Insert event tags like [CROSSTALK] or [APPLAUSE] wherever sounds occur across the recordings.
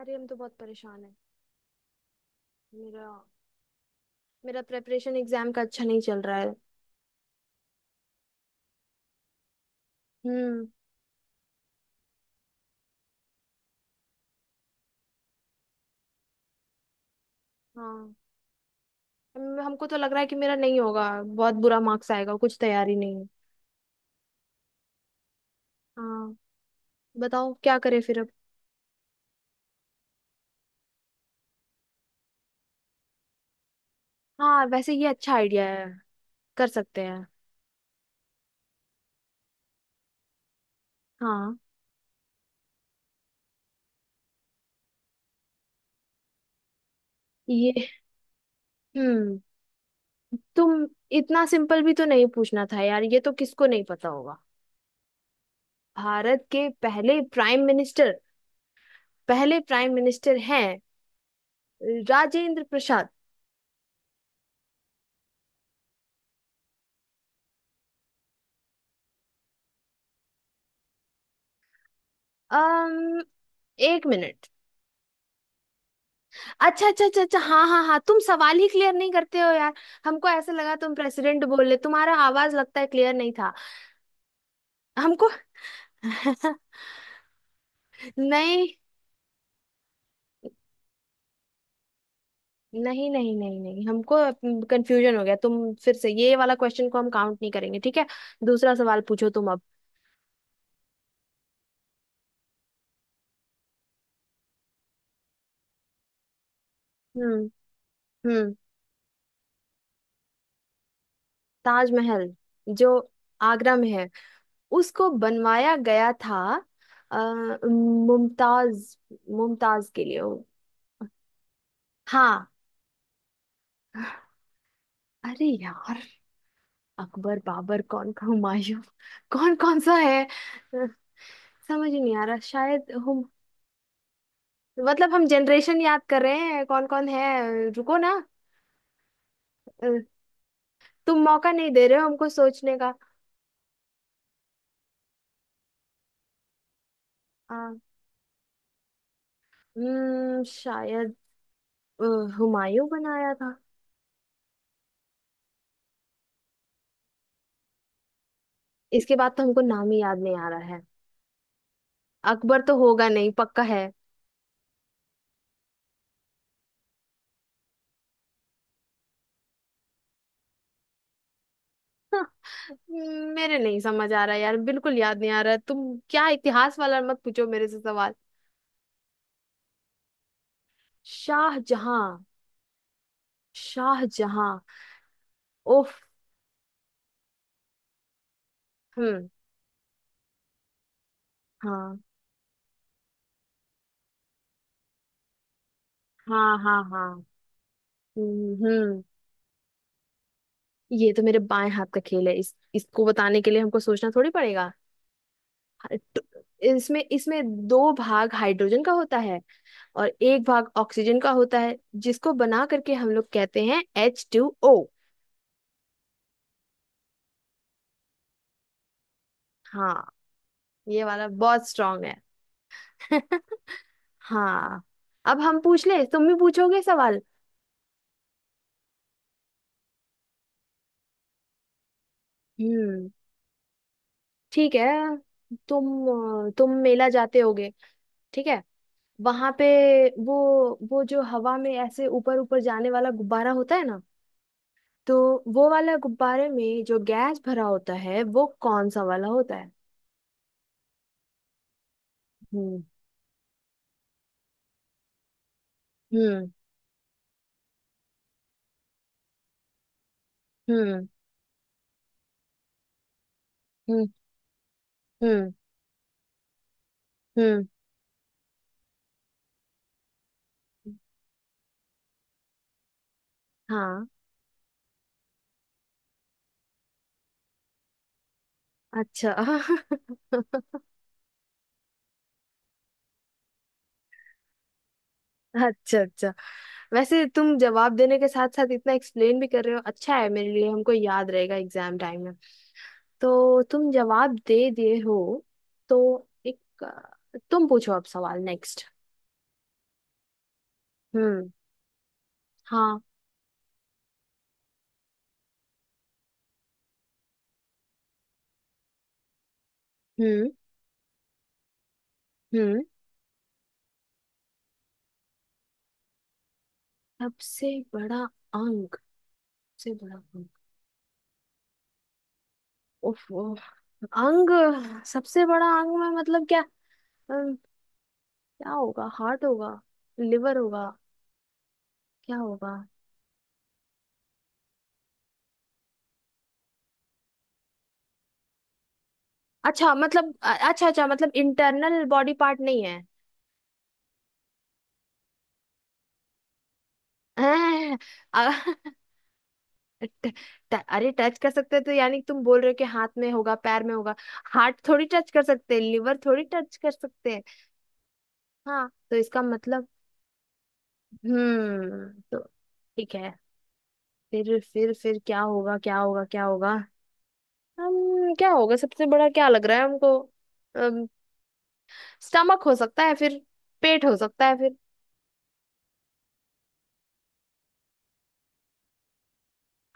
अरे हम तो बहुत परेशान है। मेरा मेरा प्रेपरेशन एग्जाम का अच्छा नहीं चल रहा है। हम्म। हाँ। हमको तो लग रहा है कि मेरा नहीं होगा, बहुत बुरा मार्क्स आएगा, कुछ तैयारी नहीं है। हाँ। बताओ क्या करें फिर अब। हाँ वैसे ये अच्छा आइडिया है। कर सकते हैं। हाँ। ये हम्म। तुम इतना सिंपल भी तो नहीं पूछना था यार। ये तो किसको नहीं पता होगा। भारत के पहले प्राइम मिनिस्टर। पहले प्राइम मिनिस्टर हैं राजेंद्र प्रसाद। अम्म एक मिनट। अच्छा अच्छा अच्छा अच्छा, हाँ हाँ हाँ। तुम सवाल ही क्लियर नहीं करते हो यार। हमको ऐसा लगा तुम प्रेसिडेंट बोल रहे, तुम्हारा आवाज लगता है क्लियर नहीं था। हमको [LAUGHS] नहीं नहीं नहीं नहीं नहीं, हमको कंफ्यूजन हो गया। तुम फिर से, ये वाला क्वेश्चन को हम काउंट नहीं करेंगे, ठीक है। दूसरा सवाल पूछो तुम अब। हम्म। हम्म। ताजमहल जो आगरा में है उसको बनवाया गया था अ, मुमताज, मुमताज के लिए। हाँ। अरे यार, अकबर बाबर कौन का हुमायूं, कौन कौन सा है। अ, समझ ही नहीं आ रहा शायद हम। मतलब हम जनरेशन याद कर रहे हैं कौन कौन है, रुको ना। अ, तुम मौका नहीं दे रहे हो हमको सोचने का। अ, शायद अ, हुमायूं बनाया था। इसके बाद तो हमको नाम ही याद नहीं आ रहा है। अकबर तो होगा नहीं, पक्का है। [LAUGHS] मेरे नहीं समझ आ रहा यार, बिल्कुल याद नहीं आ रहा। तुम क्या इतिहास वाला मत पूछो मेरे से सवाल। शाहजहां। शाहजहां। उफ। हम्म। हाँ हाँ हाँ। हाँ। हम्म। हम्म। ये तो मेरे बाएं हाथ का खेल है। इस इसको बताने के लिए हमको सोचना थोड़ी पड़ेगा। हा- ट- इसमें इसमें दो भाग हाइड्रोजन का होता है और एक भाग ऑक्सीजन का होता है, जिसको बना करके हम लोग कहते हैं H2O। हाँ। ये वाला बहुत स्ट्रांग है। [LAUGHS] हाँ। अब हम पूछ ले, तुम भी पूछोगे सवाल। हम्म। ठीक है। तुम मेला जाते होगे, ठीक है। वहां पे वो वो जो हवा में ऐसे ऊपर ऊपर जाने वाला गुब्बारा होता है ना तो, वो वाला गुब्बारे में जो गैस भरा होता है वो कौन सा वाला होता है। हम्म। हम्म। हम्म। हम्म। हम्म। हम्म। हाँ। अच्छा [LAUGHS] अच्छा अच्छा। वैसे तुम जवाब देने के साथ साथ इतना एक्सप्लेन भी कर रहे हो, अच्छा है मेरे लिए। हमको याद रहेगा एग्जाम टाइम में। तो तुम जवाब दे दिए हो। तो एक, तुम पूछो अब सवाल नेक्स्ट। हम्म। हाँ। हम्म। हम्म। सबसे बड़ा अंग। सबसे बड़ा अंग। उफ, उफ, अंग। सबसे बड़ा अंग में मतलब क्या। अम, क्या होगा, हार्ट होगा, लिवर होगा, क्या होगा। अच्छा मतलब अच्छा अच्छा, मतलब इंटरनल बॉडी पार्ट नहीं है। हैं, अ- ट, ट, अरे टच कर सकते हैं तो यानी कि तुम बोल रहे हो कि हाथ में होगा पैर में होगा। हार्ट थोड़ी टच कर सकते हैं, लिवर थोड़ी टच कर सकते हैं। हाँ तो इसका मतलब। हम्म। तो ठीक है। फिर क्या होगा, क्या होगा, क्या होगा। हम क्या होगा, सबसे बड़ा क्या लग रहा है हमको। स्टमक हो सकता है फिर। पेट हो सकता है फिर।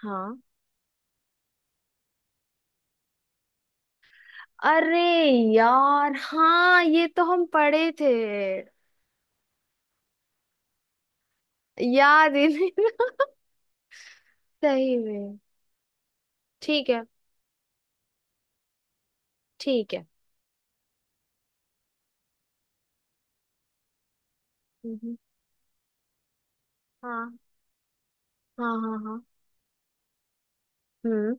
हाँ। अरे यार, हाँ ये तो हम पढ़े थे। याद ही नहीं [LAUGHS] सही में। ठीक है। ठीक है। हम्म। हाँ हाँ हाँ हाँ। हम्म।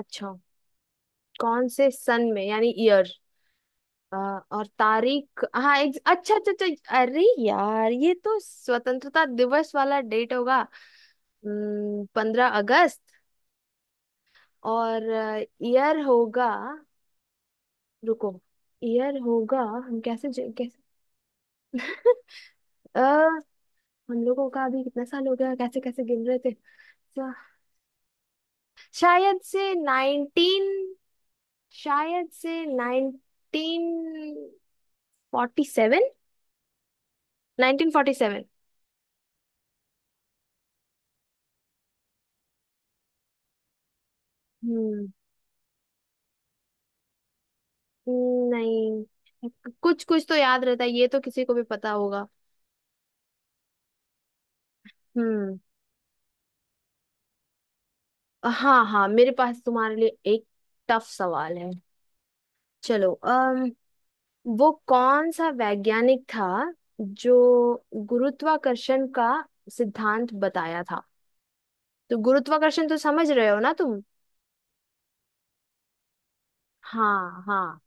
अच्छा। कौन से सन में, यानी ईयर। अ, और तारीख, हाँ एक, अच्छा अच्छा अच्छा। अरे यार, ये तो स्वतंत्रता दिवस वाला डेट होगा। 15 अगस्त। और ईयर होगा, रुको। ईयर होगा, हम कैसे कैसे। [LAUGHS] अ, हम लोगों का अभी कितना साल हो गया, कैसे कैसे गिन रहे थे। अच्छा, शायद से नाइनटीन। शायद से 1947। 1947। हम्म, नहीं, कुछ कुछ तो याद रहता है, ये तो किसी को भी पता होगा। हम्म। हाँ हाँ, मेरे पास तुम्हारे लिए एक टफ सवाल है। चलो अम वो कौन सा वैज्ञानिक था जो गुरुत्वाकर्षण का सिद्धांत बताया था। तो गुरुत्वाकर्षण तो समझ रहे हो ना तुम। हाँ हाँ।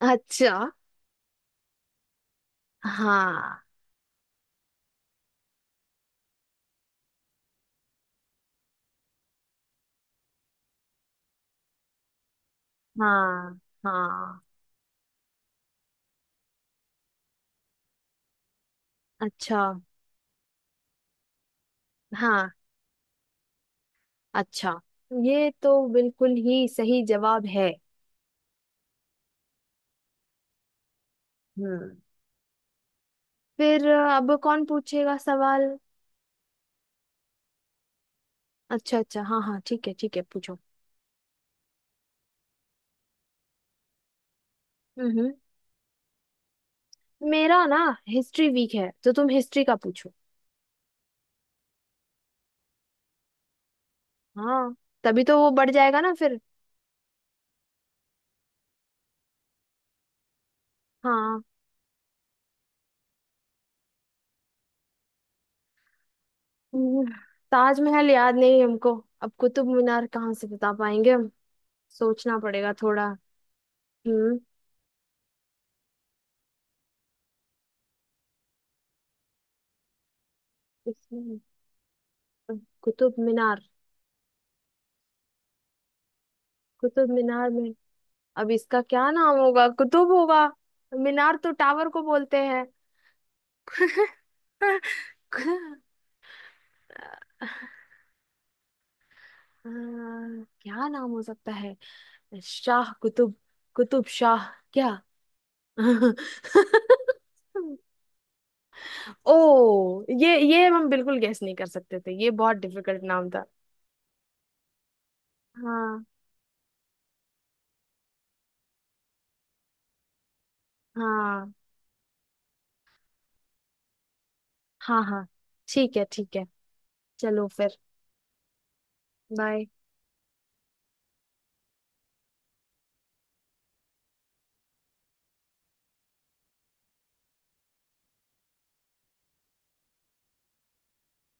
अच्छा। हाँ हाँ हाँ। अच्छा। हाँ। अच्छा। ये तो बिल्कुल ही सही जवाब है। हम्म। फिर अब कौन पूछेगा सवाल। अच्छा अच्छा, हाँ हाँ ठीक है ठीक है, पूछो। हम्म। मेरा ना हिस्ट्री वीक है तो तुम हिस्ट्री का पूछो। हाँ। तभी तो वो बढ़ जाएगा ना फिर। हाँ। हम्म, ताजमहल याद नहीं है हमको, अब कुतुब मीनार कहाँ से बता पाएंगे हम। सोचना पड़ेगा थोड़ा। हम्म। इसमें अ, कुतुब मीनार। कुतुब मीनार में अब इसका क्या नाम होगा, कुतुब होगा। मीनार तो टावर को बोलते हैं। [LAUGHS] क्या नाम हो सकता है। शाह कुतुब। कुतुब शाह। क्या। [LAUGHS] ओ। ये हम बिल्कुल गेस नहीं कर सकते थे, ये बहुत डिफिकल्ट नाम था। हाँ। हाँ हाँ हाँ। ठीक है ठीक है। चलो फिर। बाय।